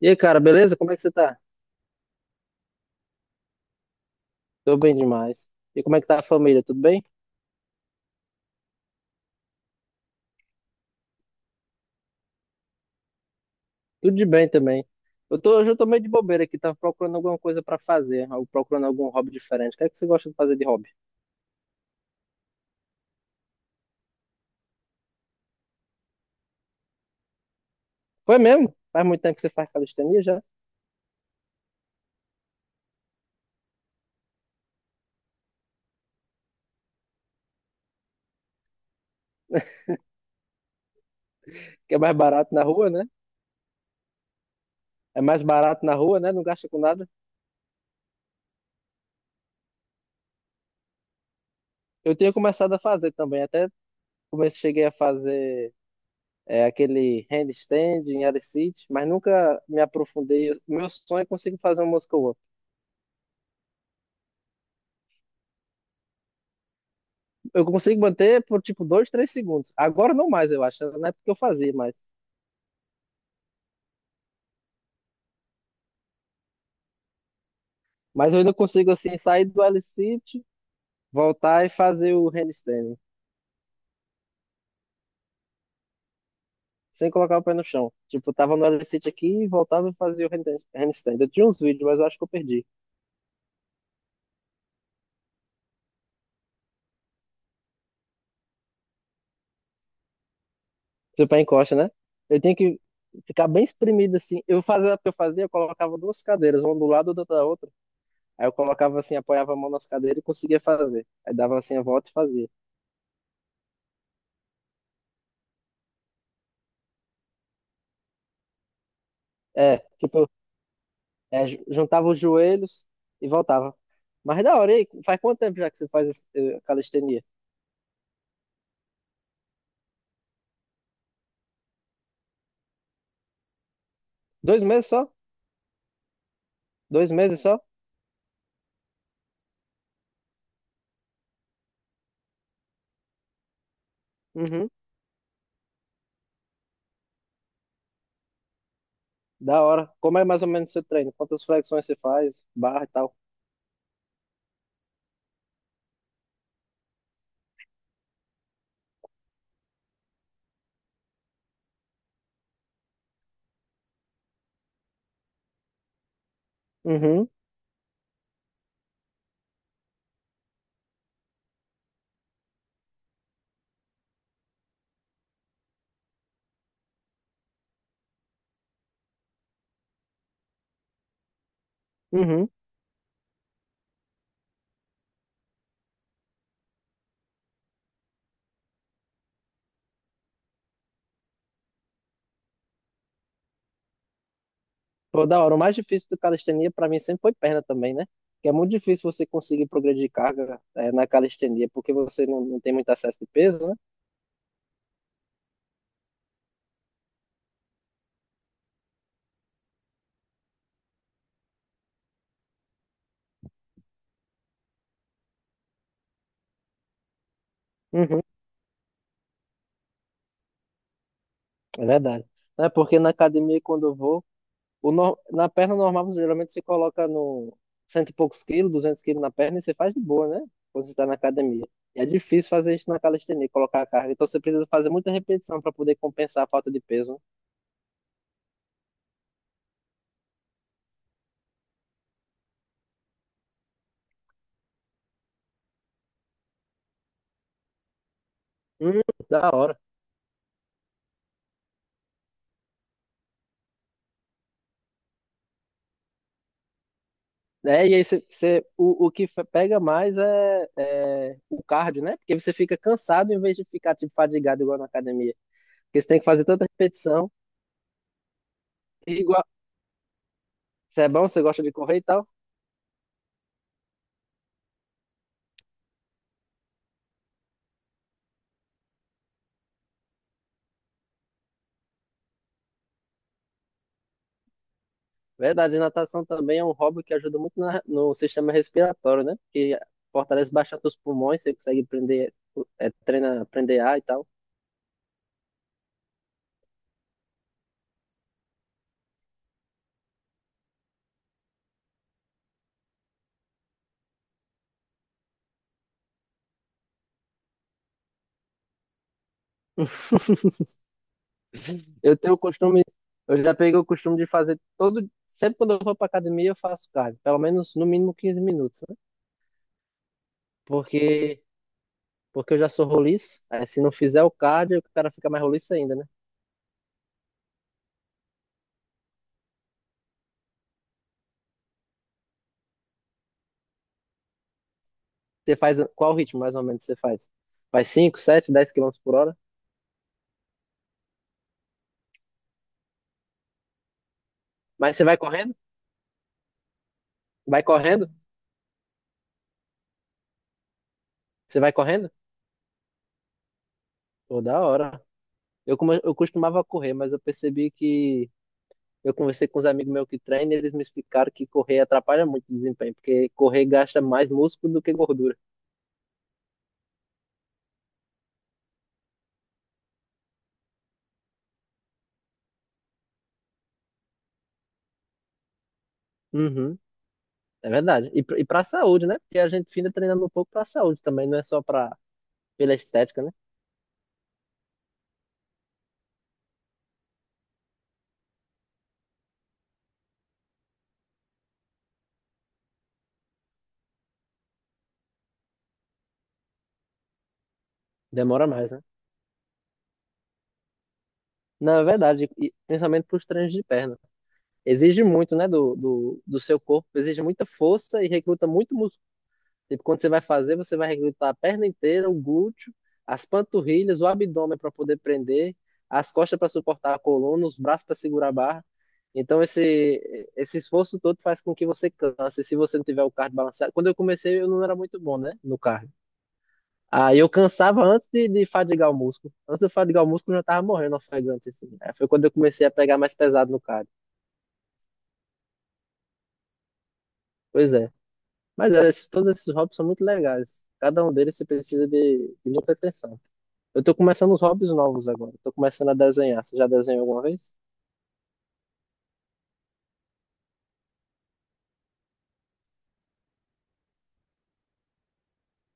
E aí, cara, beleza? Como é que você tá? Tô bem demais. E como é que tá a família? Tudo bem? Tudo de bem também. Hoje eu tô meio de bobeira aqui, tava procurando alguma coisa pra fazer, ou procurando algum hobby diferente. O que é que você gosta de fazer de hobby? Foi mesmo? Faz muito tempo que você faz calistenia já, que é mais barato na rua, né? É mais barato na rua, né? Não gasta com nada. Eu tinha começado a fazer também, até comecei, cheguei a fazer aquele handstand em área sit, mas nunca me aprofundei. Meu sonho é conseguir fazer um muscle. Eu consigo manter por tipo 2, 3 segundos. Agora não mais, eu acho. Na época eu fazia mais. Mas eu ainda consigo assim sair do L-sit, voltar e fazer o handstand, sem colocar o pé no chão. Tipo, eu tava no L-sit aqui, voltava e fazia o handstand. Eu tinha uns vídeos, mas eu acho que eu perdi. Se o pé encosta, né? Eu tinha que ficar bem espremido assim. Eu fazia o que eu fazia, eu colocava duas cadeiras, uma do lado e outra da outra. Aí eu colocava assim, apoiava a mão nas cadeiras e conseguia fazer. Aí dava assim a volta e fazia. É, tipo, juntava os joelhos e voltava. Mas é da hora, e aí, faz quanto tempo já que você faz calistenia? 2 meses só? 2 meses só? Uhum. Da hora. Como é mais ou menos o seu treino? Quantas flexões você faz? Barra e tal? Uhum. Uhum. Pô, da hora. O mais difícil do calistenia pra mim sempre foi perna também, né? Que é muito difícil você conseguir progredir carga na calistenia, porque você não tem muito acesso de peso, né? Uhum. É verdade. É porque na academia, quando eu vou, O nor- na perna normal, você geralmente você coloca no cento e poucos quilos, 200 quilos na perna e você faz de boa, né? Quando você está na academia. E é difícil fazer isso na calistenia, colocar a carga. Então você precisa fazer muita repetição para poder compensar a falta de peso, né? Hum, da hora. É, e aí pega mais é o cardio, né? Porque você fica cansado em vez de ficar tipo, fadigado igual na academia. Porque você tem que fazer tanta repetição. E, igual, você é bom, você gosta de correr e tal. Verdade, natação também é um hobby que ajuda muito no sistema respiratório, né? Porque fortalece bastante os pulmões, você consegue prender, é, treina, prender ar e tal. Eu tenho o costume, eu já peguei o costume de fazer sempre quando eu vou pra academia eu faço cardio, pelo menos no mínimo 15 minutos, né? Porque, porque eu já sou roliço, aí se não fizer o cardio, o cara fica mais roliço ainda, né? Você faz, qual ritmo mais ou menos você faz? Faz 5, 7, 10 quilômetros por hora? Mas você vai correndo? Vai correndo? Você vai correndo? Pô, da hora. Eu costumava correr, mas eu percebi que eu conversei com os amigos meus que treinam e eles me explicaram que correr atrapalha muito o desempenho, porque correr gasta mais músculo do que gordura. Uhum, é verdade. E, e para a saúde, né? Porque a gente fica treinando um pouco para a saúde também, não é só para pela estética, né? Demora mais, né? Não, é verdade, e principalmente para os treinos de perna. Exige muito, né, do seu corpo, exige muita força e recruta muito. Tipo, quando você vai fazer, você vai recrutar a perna inteira, o glúteo, as panturrilhas, o abdômen para poder prender, as costas para suportar a coluna, os braços para segurar a barra. Então, esse esforço todo faz com que você canse. Se você não tiver o cardio balanceado. Quando eu comecei, eu não era muito bom, né? No cardio. Aí eu cansava antes de fadigar o músculo. Antes de eu fadigar o músculo, eu já tava morrendo ofegante, assim. Aí foi quando eu comecei a pegar mais pesado no cardio. Pois é. Mas olha, todos esses hobbies são muito legais. Cada um deles você precisa de muita atenção. Eu tô começando os hobbies novos agora. Tô começando a desenhar. Você já desenhou alguma vez?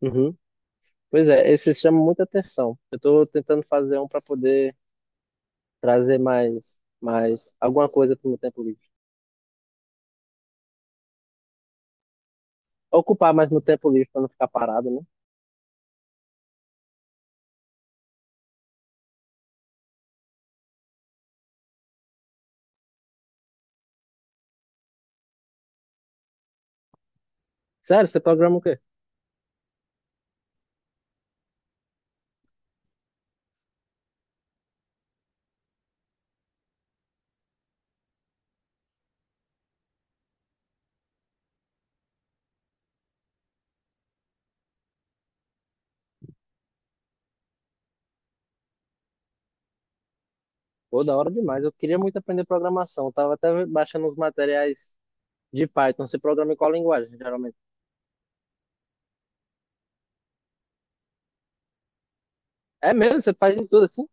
Uhum. Pois é, esse chama muita atenção. Eu tô tentando fazer um para poder trazer mais alguma coisa pro meu tempo livre. Ocupar mais meu tempo livre para não ficar parado, né? Sério, você programa o quê? Pô, da hora demais. Eu queria muito aprender programação. Eu tava até baixando os materiais de Python. Você programa em qual linguagem, geralmente? É mesmo? Você faz de tudo assim?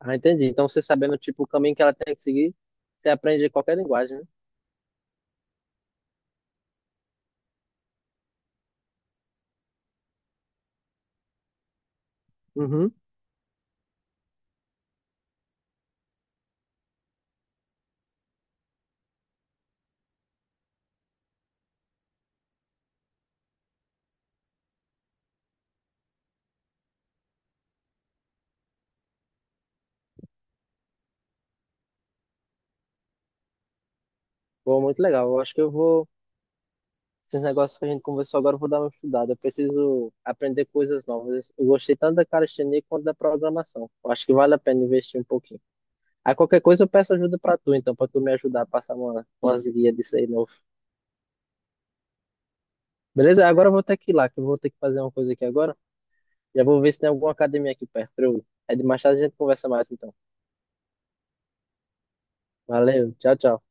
Ah, entendi. Então, você sabendo, tipo, o caminho que ela tem que seguir, você aprende qualquer linguagem, né? Uhum. Pô, muito legal. Eu acho que eu vou. Esses negócios que a gente conversou agora, eu vou dar uma estudada. Eu preciso aprender coisas novas. Eu gostei tanto da calistenia quanto da programação. Eu acho que vale a pena investir um pouquinho. Aí qualquer coisa eu peço ajuda pra tu, então, pra tu me ajudar a passar umas guias disso aí novo. Beleza? Agora eu vou ter que ir lá, que eu vou ter que fazer uma coisa aqui agora. Já vou ver se tem alguma academia aqui perto pra eu ir. É, de mais tarde a gente conversa mais, então. Valeu, tchau, tchau.